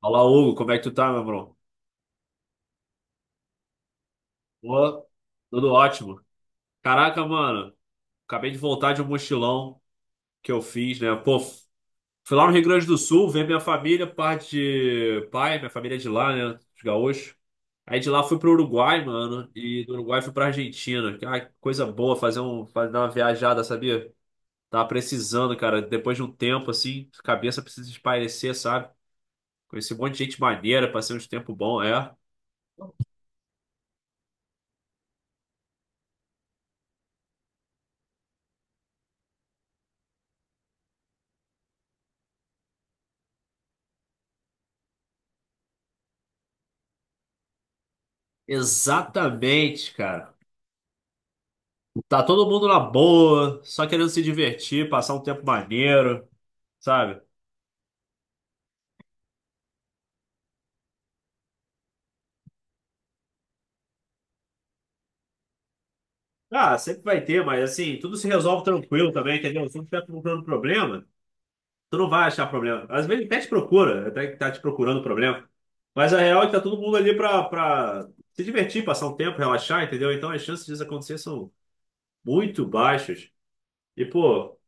Olá, Hugo, como é que tu tá, meu bro? Pô, tudo ótimo. Caraca, mano, acabei de voltar de um mochilão que eu fiz, né? Pô, fui lá no Rio Grande do Sul ver minha família, parte de pai, minha família é de lá, né? Os gaúchos. Aí de lá fui pro Uruguai, mano, e do Uruguai fui pra Argentina. Ah, que coisa boa fazer uma viajada, sabia? Tava precisando, cara, depois de um tempo assim, cabeça precisa espairecer, sabe? Conheci um monte de gente maneira, passei uns tempo bom, é. Exatamente, cara. Tá todo mundo na boa, só querendo se divertir, passar um tempo maneiro, sabe? Ah, sempre vai ter, mas assim, tudo se resolve tranquilo também, entendeu? Se não estiver procurando problema, tu não vai achar problema. Às vezes até te procura, até que tá te procurando problema. Mas a real é que tá todo mundo ali pra se divertir, passar um tempo, relaxar, entendeu? Então as chances disso acontecer são muito baixas. E, pô,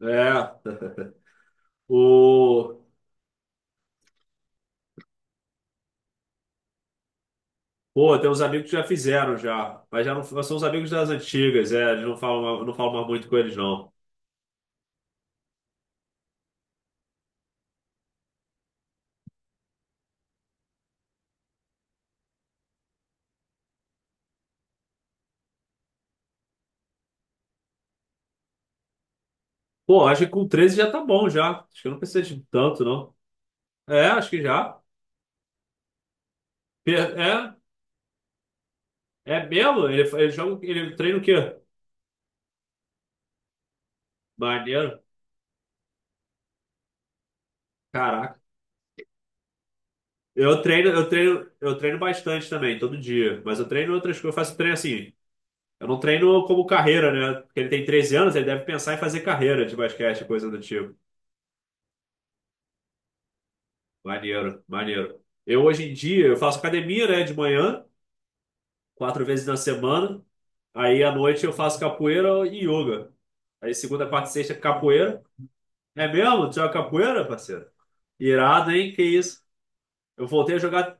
é. O... Pô, tem uns amigos que já fizeram já, mas já não são os amigos das antigas, é, eles não falam mais muito com eles, não. Pô, acho que com 13 já tá bom já. Acho que eu não precisa de tanto, não. É, acho que já. Pe- É, é mesmo? Ele joga, ele treina o quê? Maneiro. Caraca. Eu treino bastante também, todo dia. Mas eu treino outras coisas, eu faço treino assim. Eu não treino como carreira, né? Porque ele tem 13 anos, ele deve pensar em fazer carreira de basquete, coisa do tipo. Maneiro, maneiro. Eu hoje em dia, eu faço academia, né, de manhã, 4 vezes na semana. Aí à noite eu faço capoeira e yoga. Aí segunda, quarta e sexta capoeira. É mesmo? Tu joga capoeira, parceiro? Irado, hein? Que isso? Eu voltei a jogar.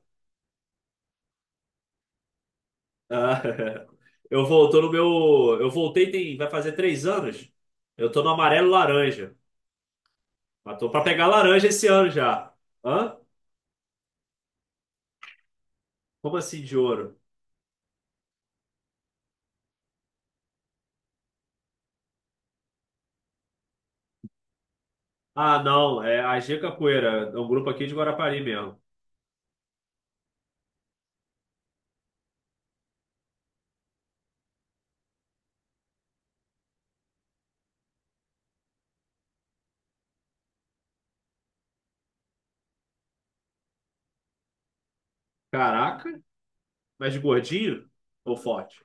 Ah, eu voltou no meu. Eu voltei tem. Vai fazer 3 anos. Eu tô no amarelo laranja. Mas tô pra pegar laranja esse ano já. Hã? Como assim de ouro? Ah, não. É a G Capoeira. É um grupo aqui de Guarapari mesmo. Caraca. Mas de gordinho ou forte?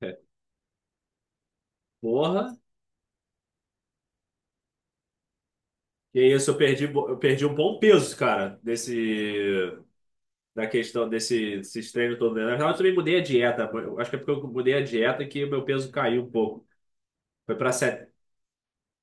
É. Porra. E é isso, eu perdi um bom peso, cara, desse, da questão desse, desses treinos todo. Na verdade, eu também mudei a dieta. Eu acho que é porque eu mudei a dieta que o meu peso caiu um pouco. Foi para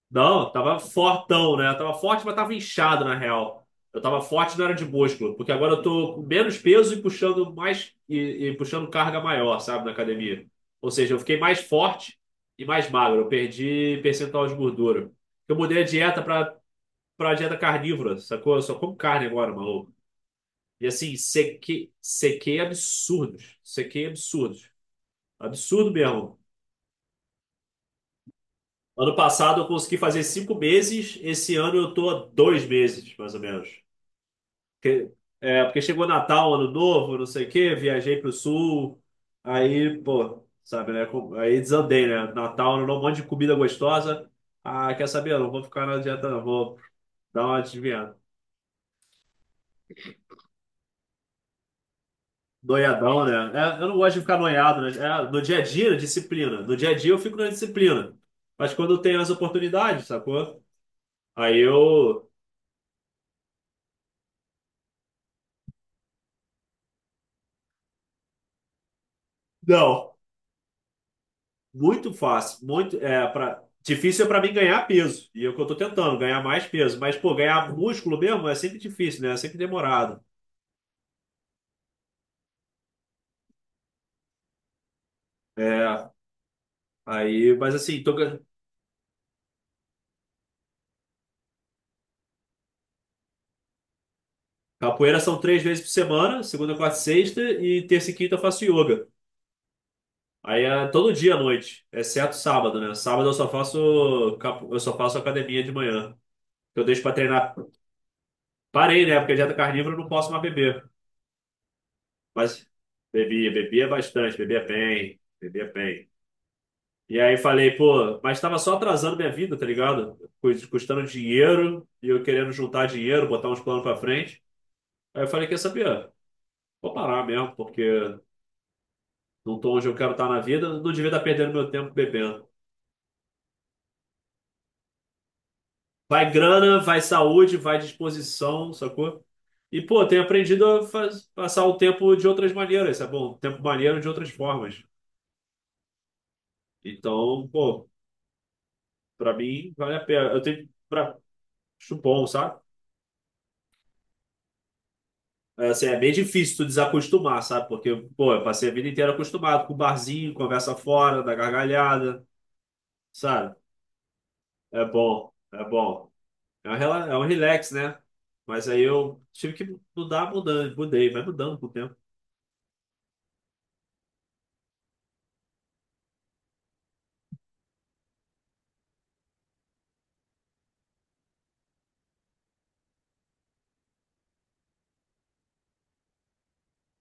Não, tava fortão, né? Tava forte, mas tava inchado, na real. Eu tava forte não era de músculo, porque agora eu tô com menos peso e puxando mais e puxando carga maior, sabe, na academia. Ou seja, eu fiquei mais forte e mais magro. Eu perdi percentual de gordura. Eu mudei a dieta pra dieta carnívora, sacou? Eu só como carne agora, maluco. E assim, sequei absurdos. Sequei absurdos. Absurdo mesmo. Ano passado eu consegui fazer 5 meses, esse ano eu tô a 2 meses, mais ou menos. Que- É, porque chegou Natal, Ano Novo, não sei o quê, viajei pro sul, aí, pô, sabe, né? Aí desandei, né? Natal, Ano Novo, um monte de comida gostosa. Ah, quer saber? Eu não vou ficar na dieta, não, vou dar uma desviada. Noiadão, né? É, eu não gosto de ficar noiado, né? É, no dia a dia, disciplina. No dia a dia eu fico na disciplina. Mas quando eu tenho as oportunidades, sacou? Aí eu. Não. Muito fácil, muito é para difícil é para mim ganhar peso. E é o que eu tô tentando, ganhar mais peso, mas pô, ganhar músculo mesmo é sempre difícil, né? É sempre demorado. É, aí, mas assim, Capoeira são 3 vezes por semana, segunda, quarta e sexta e terça e quinta eu faço yoga. Aí é todo dia à noite, exceto sábado, né? Sábado eu só faço academia de manhã. Que eu deixo para treinar. Parei, né? Porque dieta carnívora eu não posso mais beber. Mas bebia, bebia bastante, bebia bem, bebia bem. E aí falei, pô, mas tava só atrasando minha vida, tá ligado? Custando dinheiro e eu querendo juntar dinheiro, botar uns planos pra frente. Aí eu falei, quer saber? Vou parar mesmo, porque não tô onde eu quero estar na vida, não devia estar perdendo meu tempo bebendo. Vai grana, vai saúde, vai disposição, sacou? E, pô, tenho aprendido a passar o tempo de outras maneiras, sabe? Bom, tempo maneiro de outras formas. Então, pô, pra mim, vale a pena. Acho bom, sabe? É, assim, é bem difícil tu desacostumar, sabe? Porque, pô, eu passei a vida inteira acostumado com barzinho, conversa fora, da gargalhada, sabe? É bom, é bom. É um relax, né? Mas aí eu tive que mudar, mudando, mudei, vai mudando com o tempo.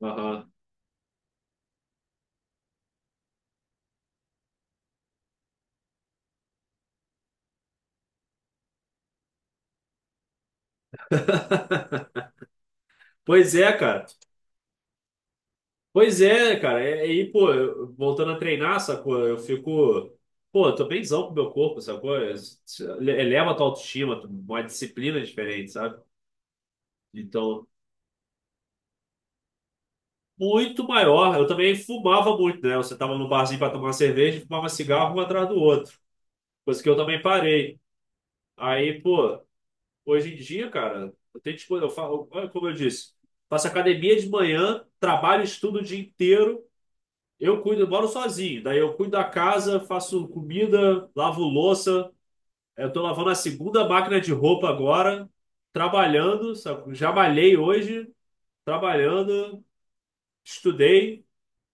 Aham. Pois é, cara. Pois é, cara. E aí, pô, voltando a treinar, sacou? Eu fico. Pô, eu tô bemzão com o meu corpo, sacou? Eleva a tua autoestima, uma disciplina diferente, sabe? Então, muito maior. Eu também fumava muito, né? Você tava no barzinho para tomar cerveja e fumava cigarro um atrás do outro. Coisa que eu também parei. Aí, pô, hoje em dia, cara, eu falo, olha como eu disse, faço academia de manhã, trabalho, estudo o dia inteiro. Eu moro sozinho. Daí eu cuido da casa, faço comida, lavo louça. Eu tô lavando a segunda máquina de roupa agora, trabalhando, sabe? Já malhei hoje, trabalhando, estudei.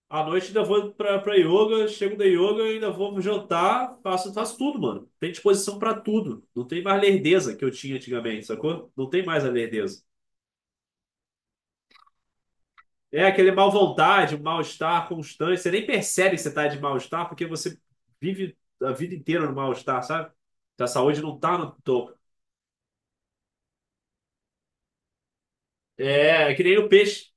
À noite ainda vou pra yoga, chego da yoga, ainda vou jantar, faço tudo, mano. Tem disposição pra tudo. Não tem mais lerdeza que eu tinha antigamente, sacou? Não tem mais a lerdeza. É aquele mal vontade, mal-estar constante. Você nem percebe que você tá de mal-estar porque você vive a vida inteira no mal-estar, sabe? A saúde não tá no topo. É, é que nem o peixe.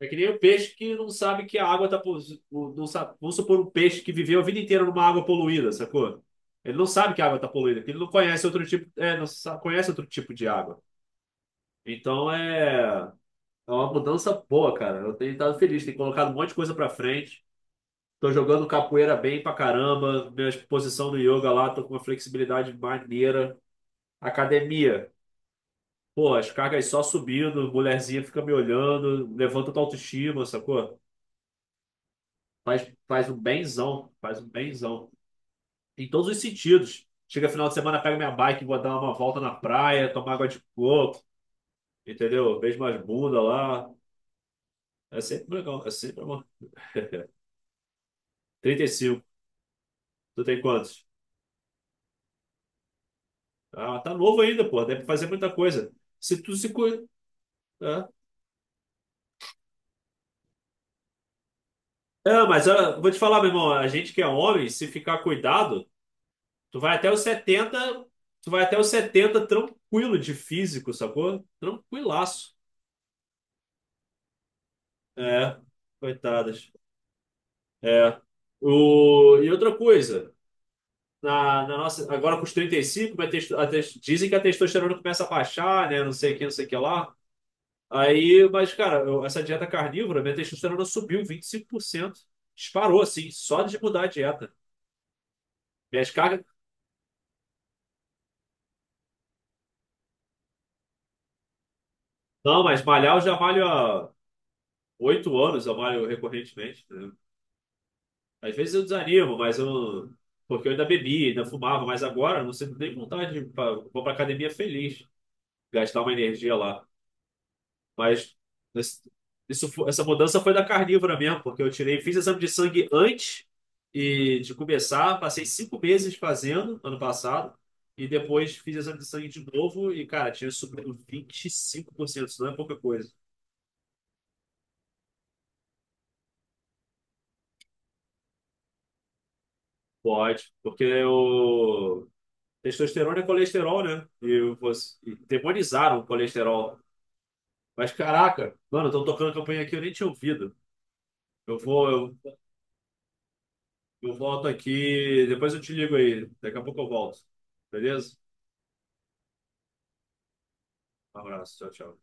É que nem o peixe que não sabe que a água tá. Não sabe, vamos supor um peixe que viveu a vida inteira numa água poluída, sacou? Ele não sabe que a água tá poluída, porque ele não conhece outro tipo, é, não sa- conhece outro tipo de água. Então é uma mudança boa, cara. Eu tenho estado feliz, tenho colocado um monte de coisa pra frente. Tô jogando capoeira bem pra caramba. Minha posição no yoga lá, tô com uma flexibilidade maneira. Academia. Pô, as cargas só subindo, mulherzinha fica me olhando, levanta tua autoestima, sacou? Faz um benzão, faz um benzão. Em todos os sentidos. Chega final de semana, pego minha bike, vou dar uma volta na praia, tomar água de coco, entendeu? Vejo umas bundas lá. É sempre legal, é sempre bom. 35. Tu tem quantos? Ah, tá novo ainda, pô, deve fazer muita coisa. Se tu se cuida. É, é, mas ah, vou te falar, meu irmão, a gente que é homem, se ficar cuidado, tu vai até os 70 tu vai até os 70 tranquilo de físico, sacou? Tranquilaço. É, coitadas. É. E outra coisa, na nossa, agora com os 35 vai ter- a tes- dizem que a testosterona começa a baixar, né? Não sei o que, não sei o que lá. Aí, mas, cara, essa dieta carnívora, minha testosterona subiu 25%. Disparou, assim, só de mudar a dieta. Minhas cargas. Não, mas malhar eu já malho há 8 anos, eu malho recorrentemente, né? Às vezes eu desanimo, mas eu. Porque eu ainda bebi, ainda fumava, mas agora eu não sinto nem vontade Vou pra academia feliz, gastar uma energia lá. Mas nesse- essa mudança foi da carnívora mesmo, porque eu tirei, fiz exame de sangue antes e de começar, passei 5 meses fazendo ano passado, e depois fiz exame de sangue de novo, e, cara, tinha subido 25%, isso não é pouca coisa. Pode, porque o testosterona é colesterol, né? E demonizaram o colesterol. Mas caraca, mano, estão tocando campanha aqui, eu nem tinha ouvido. Eu vou, eu Eu volto aqui, depois eu te ligo aí. Daqui a pouco eu volto. Beleza? Um abraço, tchau, tchau.